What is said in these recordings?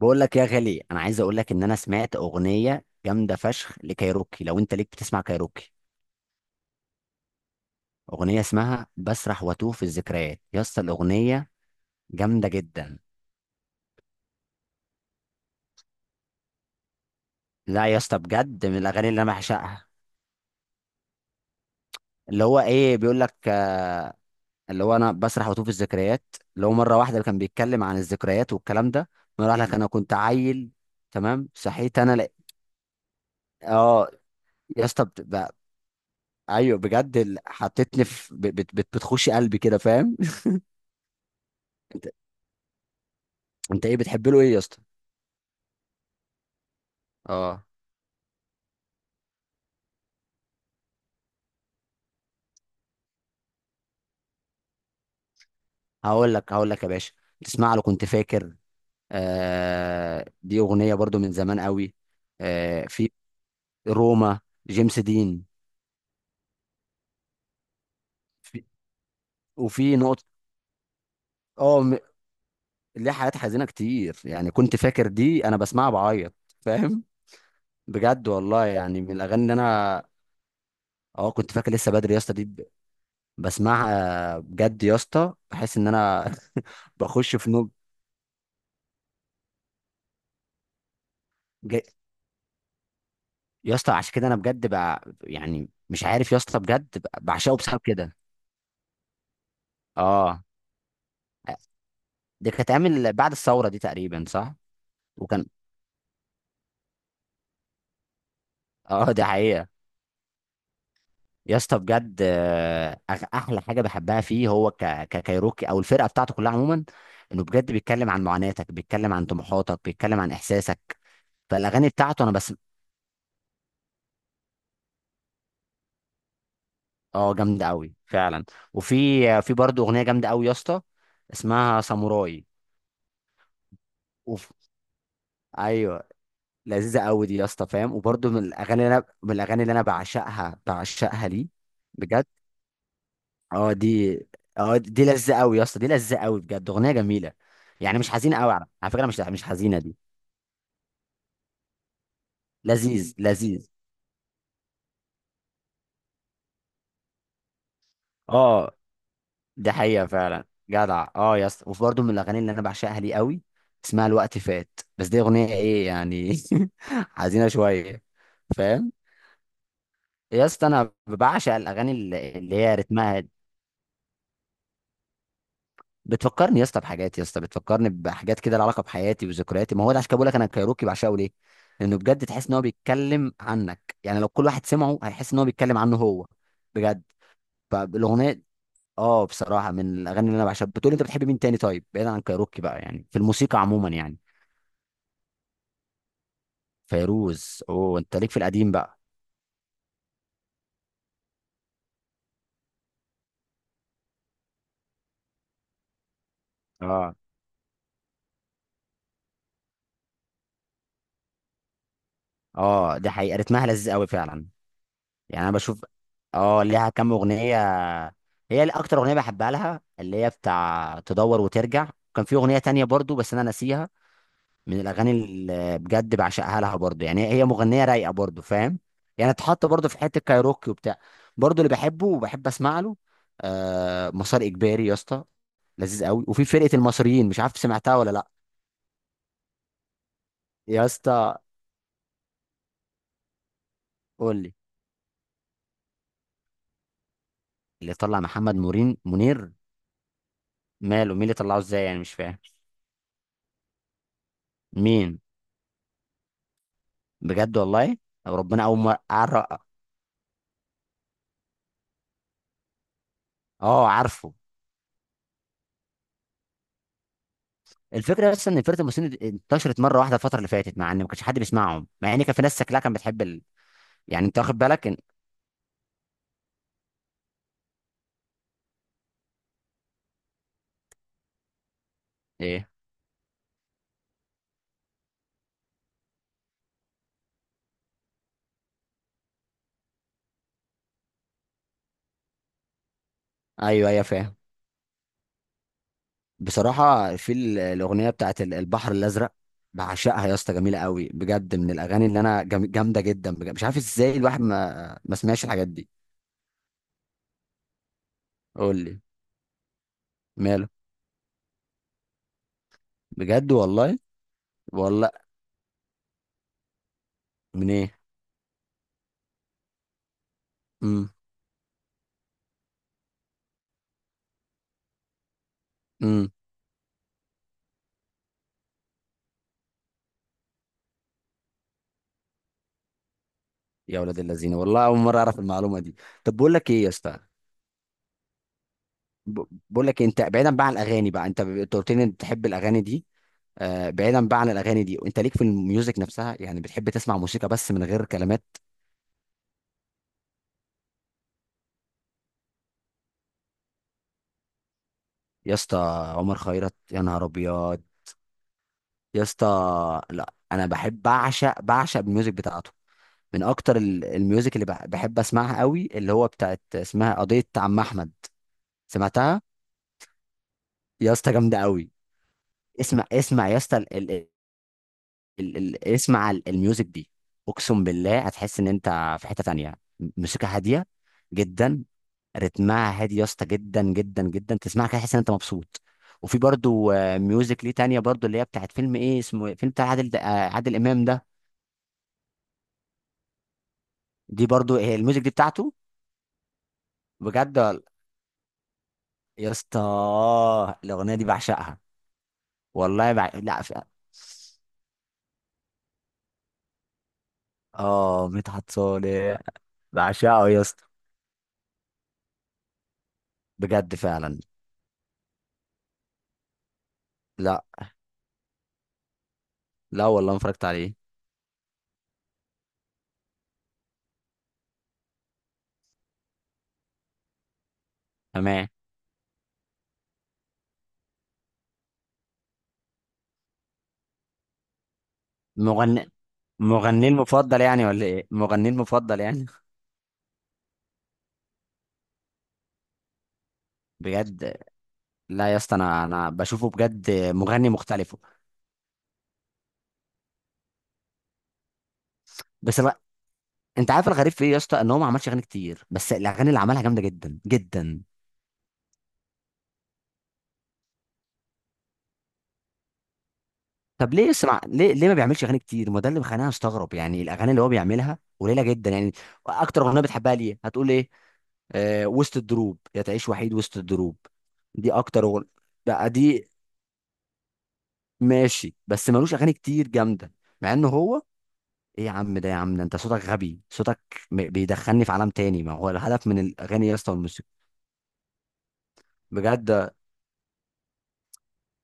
بقول لك يا غالي، انا عايز اقول لك ان انا سمعت اغنيه جامده فشخ لكايروكي، لو انت ليك بتسمع كايروكي. اغنيه اسمها بسرح واتوه في الذكريات يا اسطى، الاغنيه جامده جدا. لا يا اسطى، بجد من الاغاني اللي انا بعشقها. اللي هو ايه بيقول لك، اللي هو انا بسرح واتوه في الذكريات. اللي هو مره واحده كان بيتكلم عن الذكريات والكلام ده. مره لك انا كنت عيل. تمام، صحيت انا لق... اه، يا اسطى، ايوه بجد، حطيتني في بتخش قلبي كده، فاهم. انت انت ايه بتحب له، ايه يا اسطى؟ اه، هقول لك يا باشا. تسمع له، كنت فاكر. آه، دي اغنيه برضو من زمان قوي. آه، في روما، جيمس دين. في وفي نقطه. اه، ليه حاجات حزينه كتير، يعني كنت فاكر دي انا بسمعها بعيط. فاهم. بجد والله، يعني من الاغاني اللي انا. اه، كنت فاكر لسه بدري يا اسطى، دي بسمعها بجد يا اسطى، بحس ان انا بخش في نوم. ج- يا اسطى، عشان كده انا بجد بقى، يعني مش عارف يا اسطى بجد، بعشقه بسبب كده. اه، دي كانت اتعمل بعد الثوره دي تقريبا، صح؟ وكان. اه، دي حقيقه. يا اسطى بجد، احلى حاجه بحبها فيه هو ككايروكي او الفرقه بتاعته كلها عموما. انه بجد بيتكلم عن معاناتك، بيتكلم عن طموحاتك، بيتكلم عن احساسك. فالاغاني بتاعته انا بس. اه، جامده قوي فعلا. وفي برضه اغنيه جامده قوي يا اسطى، اسمها ساموراي. اوف. ايوه. لذيذه قوي دي يا اسطى، فاهم، وبرضه من الاغاني اللي انا بعشقها ليه. بجد. اه دي اه دي لذة قوي يا اسطى، دي لذة قوي، بجد اغنيه جميله. يعني مش حزينه قوي، على فكره، مش حزينه دي. لذيذ لذيذ. اه، دي حقيقه فعلا جدع، اه يا اسطى، وبرده من الاغاني اللي انا بعشقها ليه قوي. اسمها الوقت فات، بس دي اغنيه ايه يعني. حزينه شويه. فاهم. يا اسطى انا بعشق الاغاني اللي هي رتمها. بتفكرني يا اسطى بحاجات، يا اسطى بتفكرني بحاجات كده لها علاقه بحياتي وذكرياتي. ما هو ده عشان كده بقول لك انا كايروكي بعشقه ليه؟ لانه بجد تحس ان هو بيتكلم عنك، يعني لو كل واحد سمعه هيحس ان هو بيتكلم عنه هو. بجد. فالاغنيه، اه، بصراحه من الاغاني اللي انا بعشقها. بتقول انت بتحب مين تاني؟ طيب بعيدا عن كايروكي بقى، يعني في الموسيقى عموما يعني. فيروز؟ اوه، انت ليك في القديم بقى. اه، اه، دي حقيقه، رتمها لذيذ قوي فعلا. يعني انا بشوف. اه، ليها كام اغنيه. هي اللي اكتر اغنيه بحبها لها اللي هي بتاع تدور وترجع. كان في اغنيه تانية برضو، بس انا ناسيها. من الاغاني اللي بجد بعشقها لها برضو، يعني هي مغنيه رايقه برضو، فاهم. يعني اتحط برضو في حته كايروكي وبتاع. برضو اللي بحبه وبحب اسمع له. آه، مسار اجباري يا اسطى. لذيذ قوي، وفي فرقه المصريين مش عارف سمعتها ولا لا. يا اسطى، قول لي. اللي طلع محمد مورين منير؟ ماله؟ مين اللي طلعه؟ ازاي يعني؟ مش فاهم. مين؟ بجد والله أو ربنا اول مره أعرف... اه عارفه الفكره بس ان فرقه المسلمين دي انتشرت مره واحده الفتره اللي فاتت مع ان ما كانش حد بيسمعهم مع ان كان في ناس شكلها كانت بتحب ال... يعني انت واخد بالك إن... ايه ايوه ايوه فاهم بصراحه في ال- الاغنيه بتاعت ال- البحر الازرق بعشقها يا اسطى جميله قوي بجد من الاغاني اللي انا جم... جامده جدا بجد. مش عارف ازاي الواحد ما ما سمعش الحاجات دي قول لي ماله بجد والله؟ والله؟ من ايه؟ امم. امم. يا ولاد الذين، والله اول مره اعرف المعلومه دي. طب بقول لك ايه يا اسطى؟ ب- بقول لك إيه، انت بعيدا بقى عن الاغاني بقى، انت قلت لي انت بتحب الاغاني دي. بعيدا بقى عن الاغاني دي، انت ليك في الميوزك نفسها، يعني بتحب تسمع موسيقى بس من غير كلمات؟ يا اسطى، عمر خيرت، يا نهار ابيض! يا اسطى، لا انا بحب، بعشق الميوزك بتاعته. من اكتر الميوزك اللي بحب اسمعها قوي، اللي هو بتاعت اسمها قضية عم احمد. سمعتها؟ يا اسطى، جامدة قوي. اسمع، اسمع يا اسطى. ال ال اسمع الميوزك دي. اقسم بالله هتحس ان انت في حتة تانية، موسيقى هادية. جدا. رتمها هادي يا اسطى، جدا جدا جدا، تسمعها كده تحس ان انت مبسوط. وفي برضو، ميوزك ليه تانية برضو، اللي هي بتاعت فيلم ايه اسمه إيه؟ فيلم بتاع عادل، عادل امام ده. دي برضو هي الميوزك دي بتاعته. بجد، يا اسطى، الاغنية دي بعشقها. والله لا اه، مدحت صالح. بعشقه يا اسطى. بجد فعلا. لا، لا والله ما اتفرجت عليه. تمام. مغني مغني المفضل يعني ولا ايه، مغني المفضل يعني؟ بجد. لا يا اسطى، انا بشوفه بجد مغني مختلف. بس بقى. انت عارف الغريب في ايه يا اسطى؟ ان هو ما عملش اغاني كتير، بس الاغاني اللي عملها جامده جدا جدا. طب ليه؟ اسمع، ليه ما بيعملش اغاني كتير؟ ما ده اللي مخليني استغرب، يعني الاغاني اللي هو بيعملها قليله جدا يعني. اكتر اغنيه بتحبها ليه هتقول ايه؟ آه، وسط الدروب، يا تعيش وحيد وسط الدروب. دي اكتر اغنيه. بقى دي. ماشي، بس ملوش اغاني كتير جامده. مع انه هو. ايه يا عم ده، يا عم ده، انت صوتك غبي، صوتك. بيدخلني في عالم تاني، ما هو الهدف من الاغاني يا اسطى والموسيقى؟ بجد.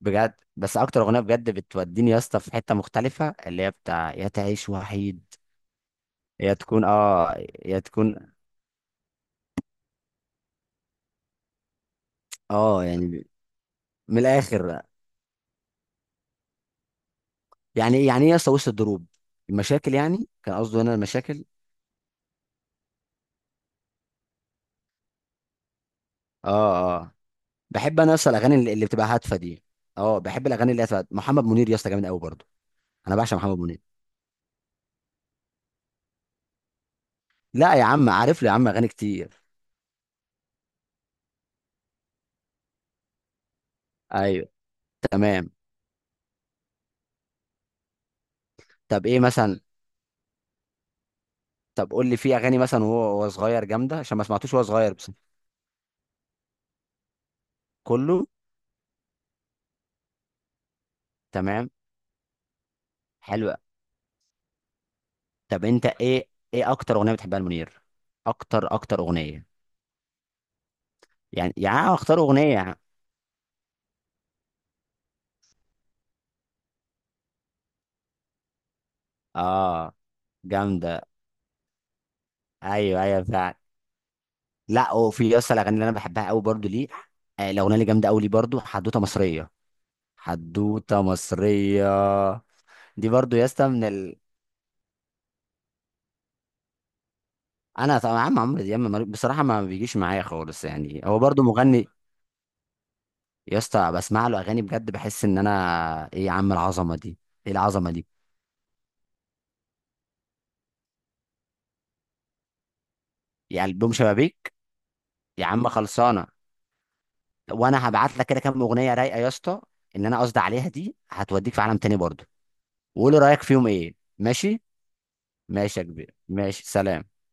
بجد، بس اكتر اغنيه بجد بتوديني يا اسطى في حته مختلفه، اللي هي بتاع يا تعيش وحيد. يا تكون، اه. يا تكون. اه يعني. من الاخر. يعني ايه، يعني ايه يا اسطى وسط الدروب؟ المشاكل يعني، كان قصده هنا المشاكل. اه. اه. بحب انا يا اسطى الاغاني اللي بتبقى هادفه دي. اه، بحب الاغاني اللي هادفه. محمد منير يا اسطى جامد قوي برضه. انا بعشق محمد منير. لا يا عم، عارف له يا عم اغاني كتير. ايوه. تمام. طب ايه مثلا؟ طب قول لي في اغاني مثلا وهو صغير جامده، عشان ما سمعتوش وهو صغير بس. كله. تمام. حلو. طب انت ايه؟ ايه اكتر اغنيه بتحبها لمنير؟ اكتر اكتر اغنيه. يعني اختار اغنيه. اه، جامده. ايوه، ايوه فعلا. لا، وفي يا اسطى الاغاني اللي انا بحبها قوي برضو ليه. آه، الاغنيه اللي جامده قوي ليه برضو، حدوته مصريه. حدوته مصريه. دي برضو يا اسطى من انا طبعا عم عمرو دياب، بصراحه ما بيجيش معايا خالص، يعني هو برضو مغني. يا اسطى بسمع له اغاني بجد، بحس ان انا ايه يا عم العظمه دي. ايه العظمه دي؟ يعني البوم شبابيك؟ يا عم، خلصانه. وانا هبعت لك كده كام اغنيه رايقه يا اسطى، ان انا قصدي عليها دي هتوديك في عالم تاني برضه. وقول لي رايك فيهم ايه، ماشي؟ ماشي يا كبير، ماشي، سلام.